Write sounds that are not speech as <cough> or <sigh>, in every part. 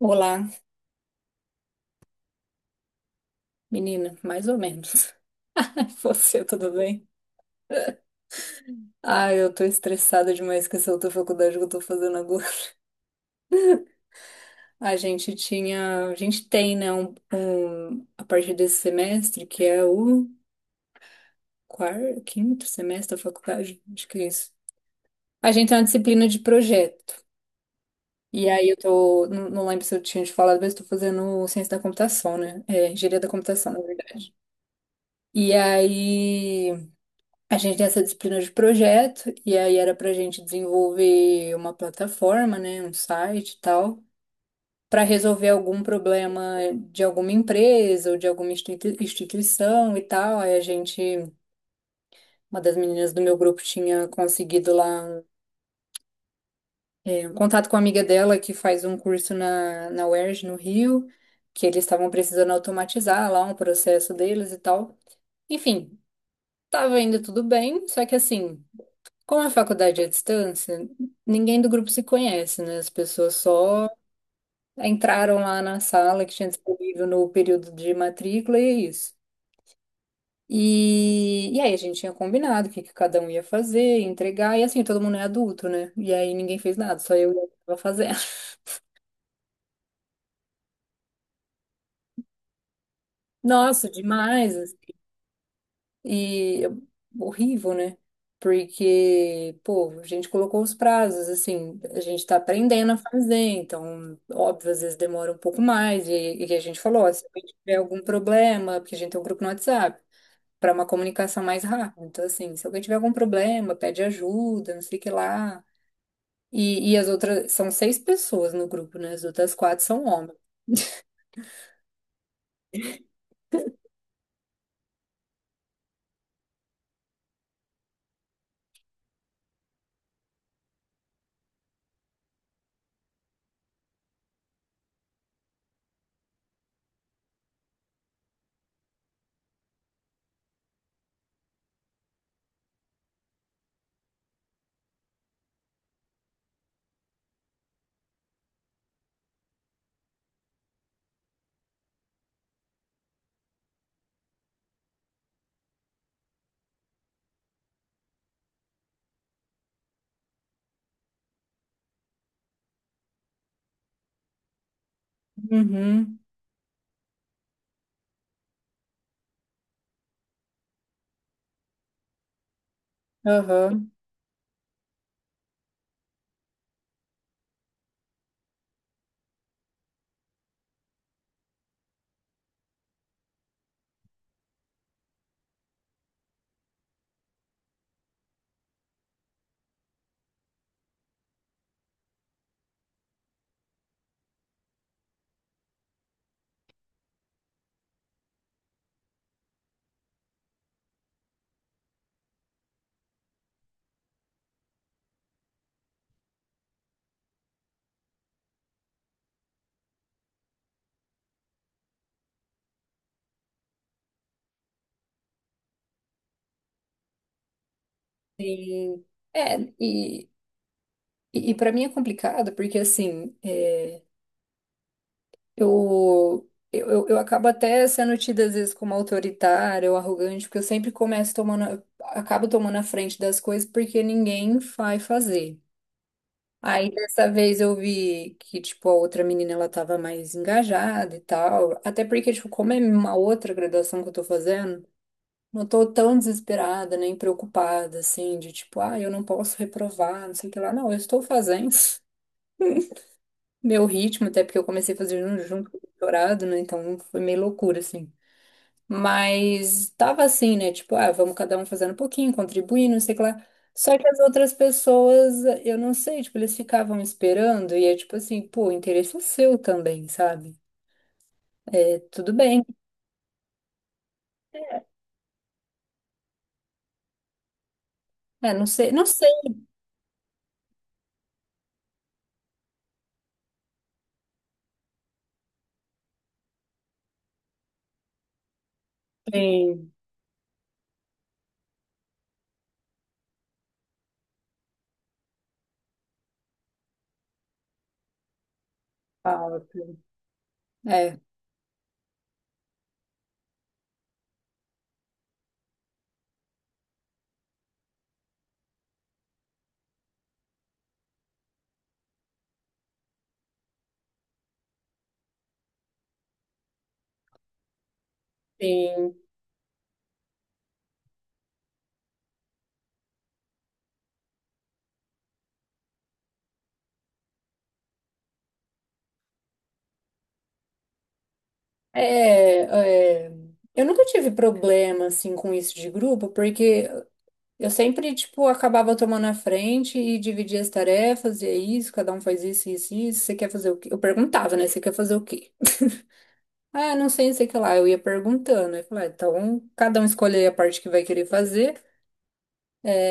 Olá, menina, mais ou menos. <laughs> Você, tudo bem? Ah, eu tô estressada demais com essa outra faculdade que eu tô fazendo agora. <laughs> A gente tem, né, a partir desse semestre, que é o quarto, quinto semestre da faculdade, acho que é isso. A gente tem uma disciplina de projeto. E aí eu tô, não lembro se eu tinha te falado, mas eu tô fazendo ciência da computação, né? É, engenharia da computação, na verdade. E aí A gente tem essa disciplina de projeto, e aí era pra gente desenvolver uma plataforma, né, um site e tal, para resolver algum problema de alguma empresa ou de alguma instituição e tal. Uma das meninas do meu grupo tinha conseguido lá um contato com a amiga dela que faz um curso na UERJ, no Rio, que eles estavam precisando automatizar lá um processo deles e tal. Enfim, tava indo tudo bem, só que assim. Como é a faculdade é à distância, ninguém do grupo se conhece, né? As pessoas só entraram lá na sala que tinha disponível no período de matrícula e é isso. E aí a gente tinha combinado que cada um ia fazer, entregar, e assim, todo mundo é adulto, né? E aí ninguém fez nada, só eu e ela que tava fazendo. <laughs> Nossa, demais, assim! E é horrível, né? Porque, pô, a gente colocou os prazos, assim, a gente tá aprendendo a fazer, então, óbvio, às vezes demora um pouco mais, e a gente falou, ó, se alguém tiver algum problema, porque a gente tem um grupo no WhatsApp, para uma comunicação mais rápida. Então, assim, se alguém tiver algum problema, pede ajuda, não sei o que lá. E as outras, são seis pessoas no grupo, né? As outras quatro são homens. Uhum, aham. Sim. É, e e para mim é complicado, porque assim, é, eu acabo até sendo tida às vezes como autoritária ou arrogante, porque eu sempre acabo tomando a frente das coisas porque ninguém vai fazer. Aí dessa vez eu vi que, tipo, a outra menina, ela tava mais engajada e tal, até porque, tipo, como é uma outra graduação que eu tô fazendo, não tô tão desesperada, nem preocupada, assim, de tipo, ah, eu não posso reprovar, não sei o que lá. Não, eu estou fazendo meu ritmo, até porque eu comecei a fazer junto com o doutorado, né? Então foi meio loucura, assim. Mas tava assim, né? Tipo, ah, vamos cada um fazendo um pouquinho, contribuindo, não sei o que lá. Só que as outras pessoas, eu não sei, tipo, eles ficavam esperando e é tipo assim, pô, o interesse é seu também, sabe? É, tudo bem. É, não sei. Sim, falta. É, sim. É, é, eu nunca tive problema, assim, com isso de grupo, porque eu sempre, tipo, acabava tomando a frente e dividia as tarefas, e é isso, cada um faz isso. Você quer fazer o quê? Eu perguntava, né? Você quer fazer o quê? Ah, não sei o que lá. Eu ia perguntando. Eu falei, ah, então, cada um escolhe a parte que vai querer fazer.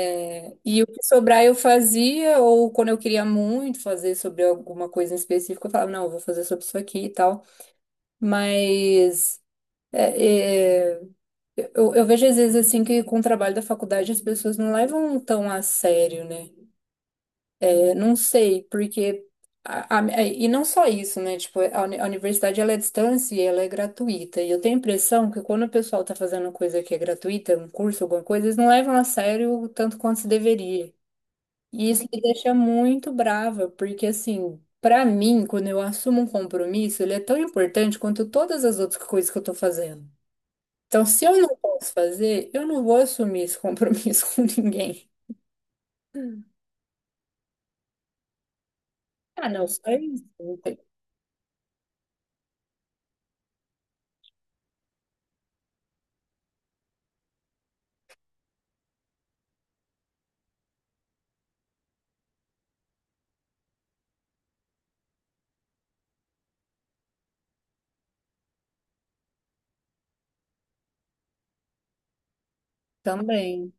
E o que sobrar eu fazia, ou quando eu queria muito fazer sobre alguma coisa em específico, eu falava, não, eu vou fazer sobre isso aqui e tal. Mas é, é, eu vejo às vezes assim que com o trabalho da faculdade as pessoas não levam tão a sério, né? Não sei, porque e não só isso, né? Tipo, a universidade ela é à distância e ela é gratuita. E eu tenho a impressão que quando o pessoal tá fazendo coisa que é gratuita, um curso, alguma coisa, eles não levam a sério o tanto quanto se deveria. E isso me deixa muito brava, porque assim, pra mim, quando eu assumo um compromisso, ele é tão importante quanto todas as outras coisas que eu tô fazendo. Então, se eu não posso fazer, eu não vou assumir esse compromisso <laughs> com ninguém. Ah, não, só isso. Também.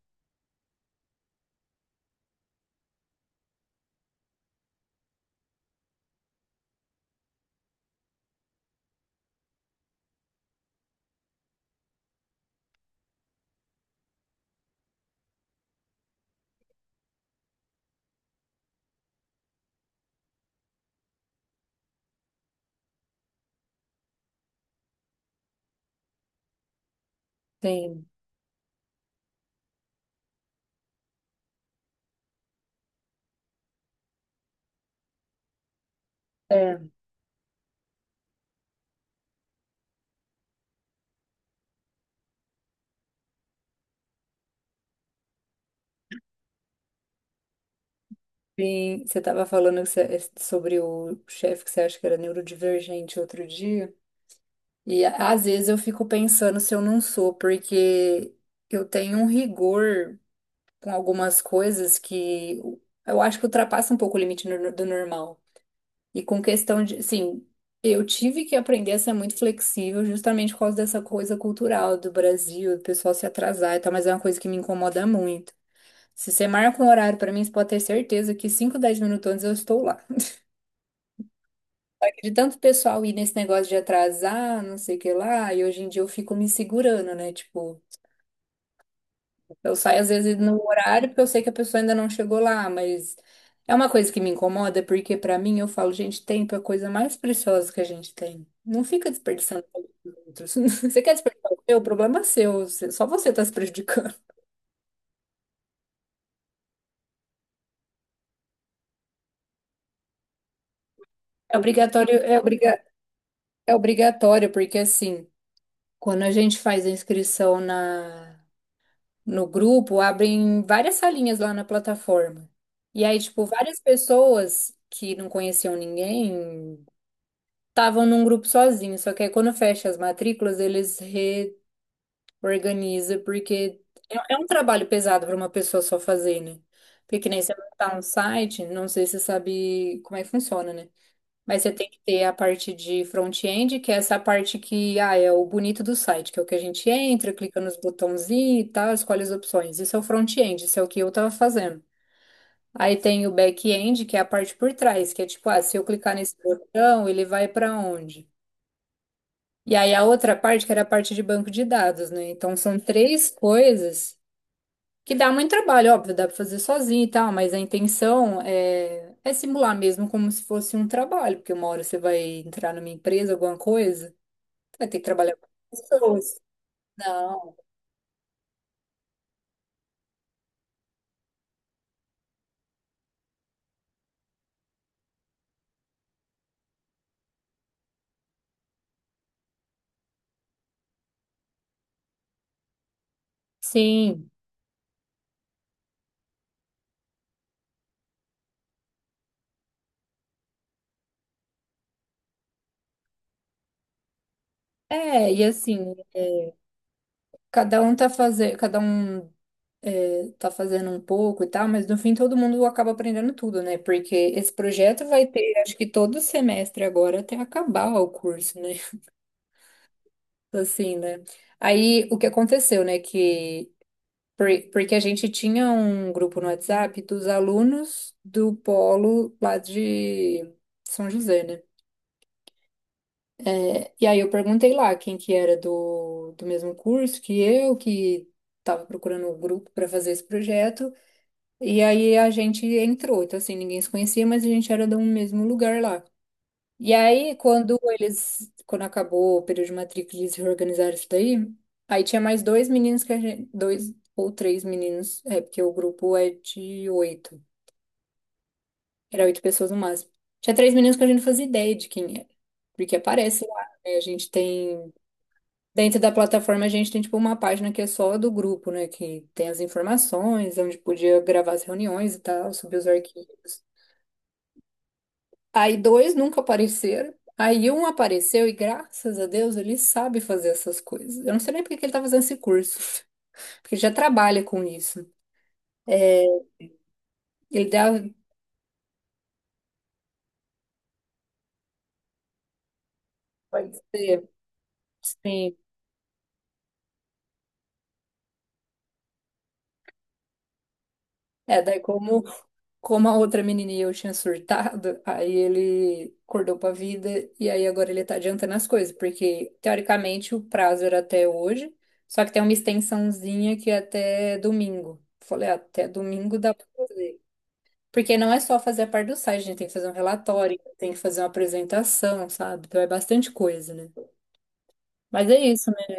Tem. É, sim, você estava falando que sobre o chefe que você acha que era neurodivergente outro dia, e às vezes eu fico pensando se eu não sou, porque eu tenho um rigor com algumas coisas que eu acho que ultrapassa um pouco o limite do normal. E com questão de, assim, eu tive que aprender a ser muito flexível justamente por causa dessa coisa cultural do Brasil, do pessoal se atrasar e tal, mas é uma coisa que me incomoda muito. Se você marca um horário pra mim, você pode ter certeza que 5 10 minutos antes eu estou lá. Mas de tanto pessoal ir nesse negócio de atrasar, não sei o que lá, e hoje em dia eu fico me segurando, né? Tipo, eu saio às vezes no horário porque eu sei que a pessoa ainda não chegou lá, mas é uma coisa que me incomoda, porque pra mim eu falo, gente, tempo é a coisa mais preciosa que a gente tem. Não fica desperdiçando tempo dos outros. <laughs> Você quer desperdiçar o seu? O problema é seu. Só você tá se prejudicando. É obrigatório, é obriga, é obrigatório, porque assim. Quando a gente faz a inscrição no grupo, abrem várias salinhas lá na plataforma. E aí, tipo, várias pessoas que não conheciam ninguém estavam num grupo sozinho. Só que aí, quando fecha as matrículas, eles reorganizam, porque é um trabalho pesado para uma pessoa só fazer, né? Porque nem você montar um site, não sei se você sabe como é que funciona, né? Mas você tem que ter a parte de front-end, que é essa parte que ah, é o bonito do site, que é o que a gente entra, clica nos botãozinhos e tal, escolhe as opções. Isso é o front-end, isso é o que eu tava fazendo. Aí tem o back-end, que é a parte por trás, que é tipo, ah, se eu clicar nesse botão, ele vai para onde? E aí a outra parte, que era a parte de banco de dados, né? Então são três coisas que dá muito trabalho, óbvio, dá pra fazer sozinho e tal, mas a intenção é, é simular mesmo como se fosse um trabalho, porque uma hora você vai entrar numa empresa, alguma coisa, vai ter que trabalhar com pessoas. Não. Sim. É, e assim, cada um tá fazendo um pouco e tal, mas no fim todo mundo acaba aprendendo tudo, né? Porque esse projeto vai ter, acho que todo semestre agora até acabar o curso, né? <laughs> Assim, né? Aí o que aconteceu, né? Por- Porque a gente tinha um grupo no WhatsApp dos alunos do polo lá de São José, né? E aí eu perguntei lá quem que era do mesmo curso que eu, que estava procurando o grupo para fazer esse projeto. E aí a gente entrou. Então, assim, ninguém se conhecia, mas a gente era do mesmo lugar lá. E aí, quando acabou o período de matrícula, eles reorganizaram isso daí. Aí tinha mais dois meninos que a gente, dois ou três meninos, é porque o grupo é de oito. Era oito pessoas no máximo. Tinha três meninos que a gente não fazia ideia de quem era, porque aparece lá, né? A gente tem dentro da plataforma a gente tem tipo uma página que é só do grupo, né? Que tem as informações, onde podia gravar as reuniões e tal, subir os arquivos. Aí dois nunca apareceram. Aí um apareceu e graças a Deus ele sabe fazer essas coisas. Eu não sei nem por que que ele tá fazendo esse curso, <laughs> porque ele já trabalha com isso. Ele deve, pode ser, sim. É, como a outra menininha eu tinha surtado, aí ele acordou pra vida e aí agora ele tá adiantando as coisas, porque teoricamente o prazo era até hoje, só que tem uma extensãozinha que é até domingo. Falei, "Ah, até domingo dá pra fazer. Porque não é só fazer a parte do site, a gente tem que fazer um relatório, tem que fazer uma apresentação, sabe? Então é bastante coisa, né? Mas é isso, né?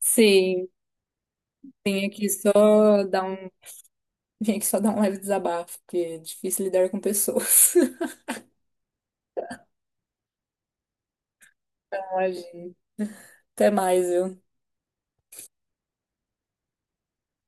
Sim, vim aqui só dar um, <laughs> vim aqui só dar um leve desabafo, porque é difícil lidar com pessoas. <laughs> Imagina. Até mais, viu?